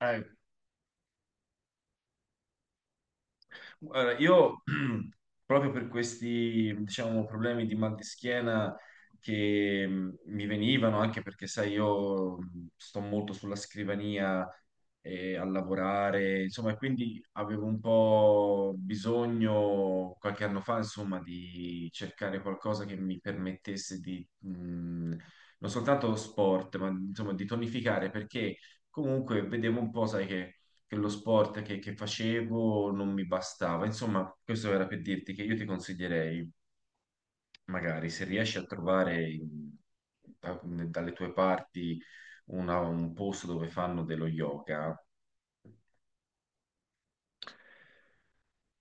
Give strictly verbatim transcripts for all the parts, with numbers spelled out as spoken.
Eh, guarda, io proprio per questi, diciamo, problemi di mal di schiena che mh, mi venivano, anche perché, sai, io mh, sto molto sulla scrivania e a lavorare, insomma, e quindi avevo un po' bisogno qualche anno fa, insomma, di cercare qualcosa che mi permettesse di, mh, non soltanto sport, ma insomma, di tonificare, perché comunque vedevo un po', sai che che lo sport che, che facevo non mi bastava. Insomma, questo era per dirti che io ti consiglierei, magari, se riesci a trovare in- da- dalle tue parti una- un posto dove fanno dello yoga,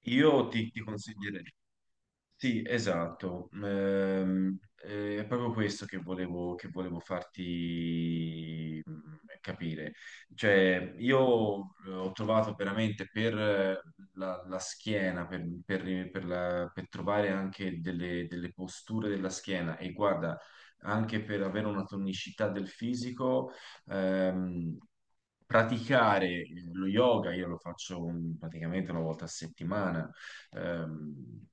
io ti, ti consiglierei. Sì, esatto. Ehm, eh, è proprio questo che volevo, che volevo farti mm, capire. Cioè, io eh, ho trovato veramente per eh, la, la schiena, per, per- eh, per la- per trovare anche delle, delle posture della schiena e guarda, anche per avere una tonicità del fisico, ehm, praticare lo yoga, io lo faccio mm, praticamente una volta a settimana. Ehm,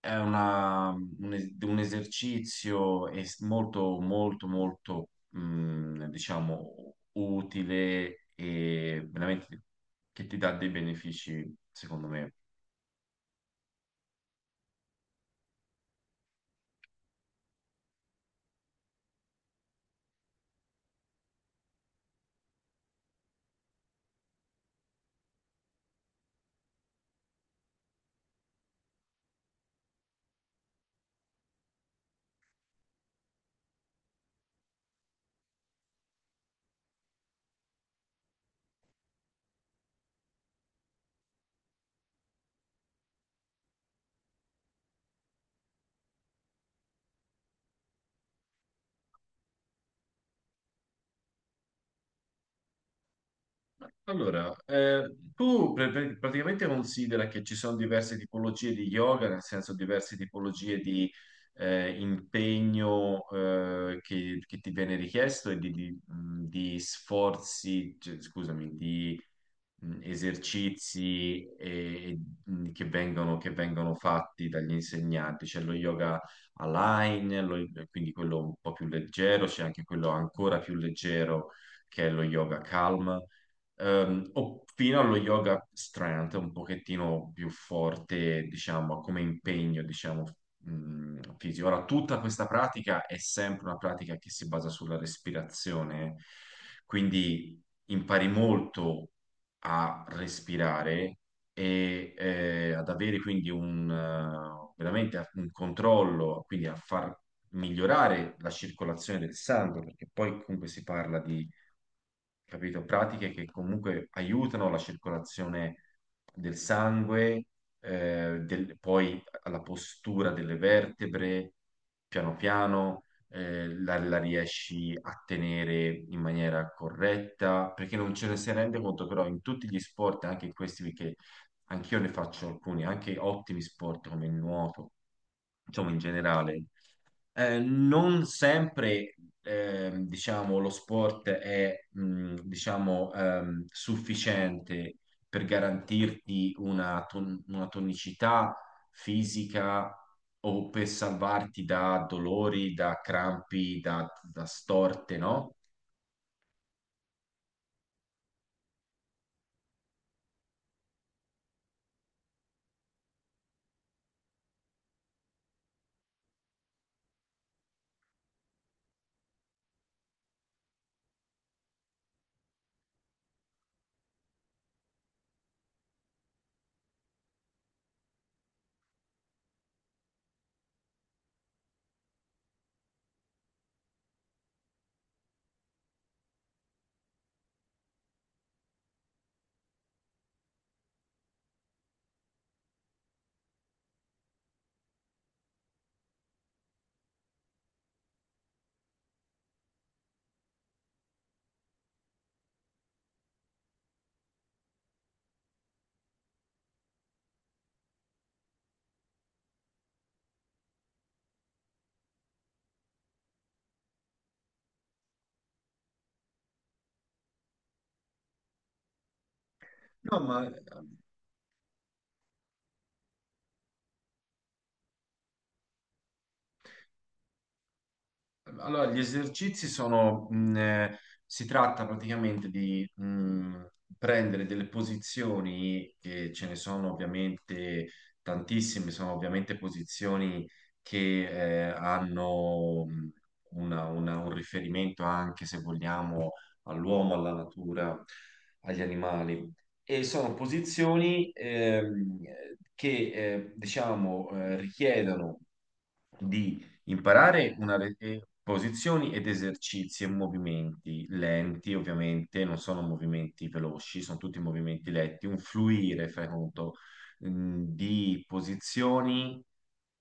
è una- un, es- un esercizio es- molto, molto, molto, mh, diciamo, utile e veramente che ti dà dei benefici, secondo me. Allora, eh, tu pre- pre- praticamente considera che ci sono diverse tipologie di yoga, nel senso diverse tipologie di eh, impegno eh, che, che ti viene richiesto e di, di- mh, di sforzi, cioè, scusami, di mh, esercizi e- e, mh, che vengono, che vengono fatti dagli insegnanti. C'è lo yoga align, lo- quindi quello un po' più leggero, c'è anche quello ancora più leggero che è lo yoga calma ehm, o fino allo yoga strength, un pochettino più forte, diciamo, come impegno, diciamo, mh, fisico. Ora, tutta questa pratica è sempre una pratica che si basa sulla respirazione, quindi impari molto a respirare e eh, ad avere quindi un, eh, veramente un controllo, quindi a far migliorare la circolazione del sangue, perché poi comunque si parla di capito? Pratiche che comunque aiutano la circolazione del sangue, eh, del- poi alla postura delle vertebre, piano piano, eh, la, la riesci a tenere in maniera corretta, perché non ce ne si rende conto, però in tutti gli sport, anche in questi che anch'io ne faccio alcuni, anche ottimi sport come il nuoto, insomma in generale, eh, non sempre, ehm, diciamo, lo sport è, mh, diciamo, ehm, sufficiente per garantirti una, ton- una tonicità fisica o per salvarti da dolori, da crampi, da, da storte, no? No, ma eh, allora, gli esercizi sono, mh, eh, si tratta praticamente di mh, prendere delle posizioni, che ce ne sono ovviamente tantissime, sono ovviamente posizioni che eh, hanno mh, una- una- un riferimento anche, se vogliamo, all'uomo, alla natura, agli animali. E sono posizioni ehm, che, eh, diciamo, eh, richiedono di imparare una re- eh, posizioni ed esercizi e movimenti lenti, ovviamente, non sono movimenti veloci, sono tutti movimenti lenti, un fluire, fai conto, mh, di posizioni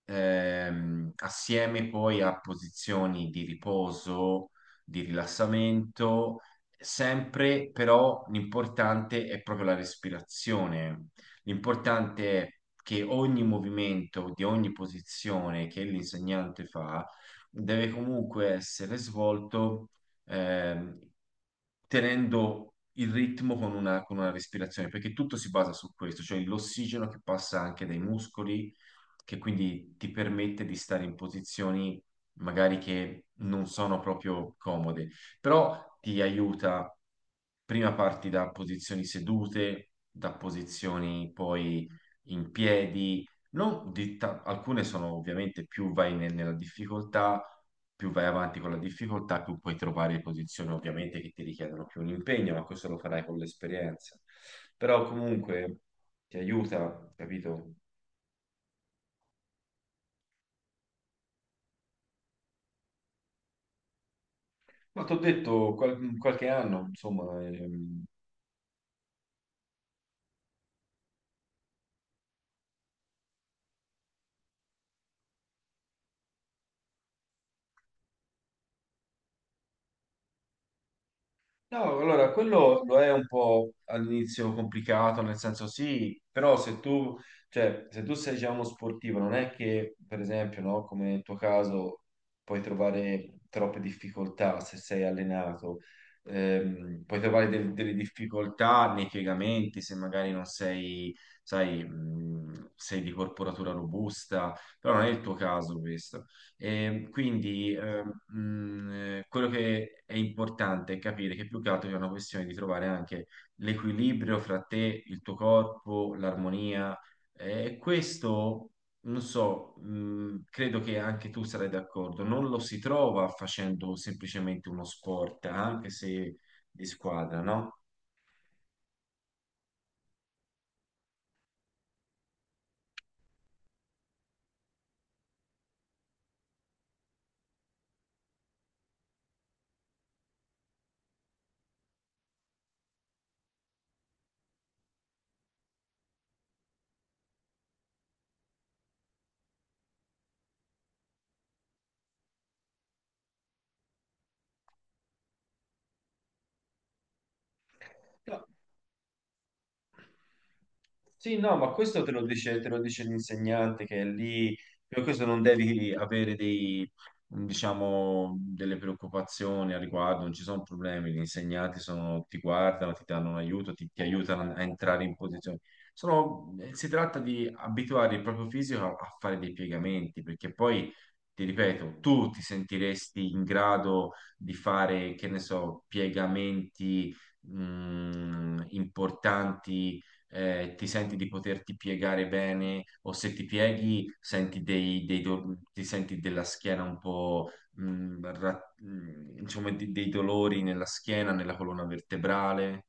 ehm, assieme poi a posizioni di riposo, di rilassamento, sempre però l'importante è proprio la respirazione. L'importante è che ogni movimento di ogni posizione che l'insegnante fa deve comunque essere svolto ehm, tenendo il ritmo con una, con una respirazione, perché tutto si basa su questo, cioè l'ossigeno che passa anche dai muscoli, che quindi ti permette di stare in posizioni magari che non sono proprio comode però ti aiuta, prima parti da posizioni sedute, da posizioni poi in piedi, non di ta- alcune sono ovviamente più vai ne- nella difficoltà, più vai avanti con la difficoltà, più puoi trovare posizioni ovviamente che ti richiedono più un impegno, ma questo lo farai con l'esperienza. Però comunque ti aiuta, capito? Ma ti ho detto qual- qualche anno, insomma, ehm. No, allora quello lo è un po' all'inizio complicato, nel senso sì, però se tu, cioè, se tu sei già uno sportivo, non è che, per esempio, no, come nel tuo caso, puoi trovare troppe difficoltà se sei allenato. Ehm, puoi trovare del- delle difficoltà nei piegamenti se magari non sei, sai, mh, sei di corporatura robusta, però non è il tuo caso questo. E quindi eh, mh, eh, quello che è importante è capire che più che altro è una questione di trovare anche l'equilibrio fra te, il tuo corpo, l'armonia. Eh, E questo, non so, mh, credo che anche tu sarai d'accordo, non lo si trova facendo semplicemente uno sport, anche se di squadra, no? Sì, no, ma questo te lo dice, te lo dice l'insegnante che è lì, per questo non devi avere dei, diciamo, delle preoccupazioni al riguardo, non ci sono problemi, gli insegnanti sono- ti guardano, ti danno un aiuto, ti, ti aiutano a entrare in posizione. Sono- eh, si tratta di abituare il proprio fisico a, a fare dei piegamenti, perché poi, ti ripeto, tu ti sentiresti in grado di fare, che ne so, piegamenti, mh, importanti, eh, ti senti di poterti piegare bene o se ti pieghi senti dei, dei do- ti senti della schiena un po', mh, ra- mh, insomma, di- dei dolori nella schiena, nella colonna vertebrale.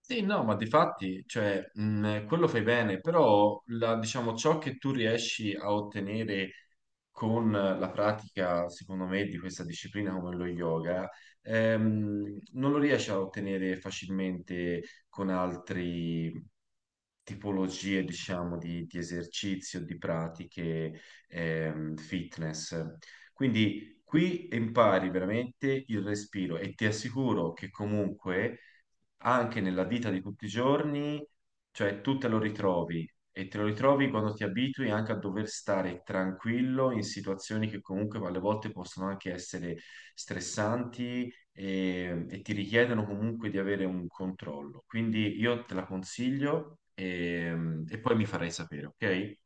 Sì, no, ma di fatti, cioè, mh, quello fai bene, però la- diciamo, ciò che tu riesci a ottenere con la pratica, secondo me, di questa disciplina come lo yoga, ehm, non lo riesce a ottenere facilmente con altre tipologie, diciamo, di, di esercizio, di pratiche, ehm, fitness. Quindi qui impari veramente il respiro e ti assicuro che comunque anche nella vita di tutti i giorni, cioè tu te lo ritrovi e te lo ritrovi quando ti abitui anche a dover stare tranquillo in situazioni che comunque alle volte possono anche essere stressanti e, e ti richiedono comunque di avere un controllo. Quindi io te la consiglio e, e poi mi farai sapere, ok?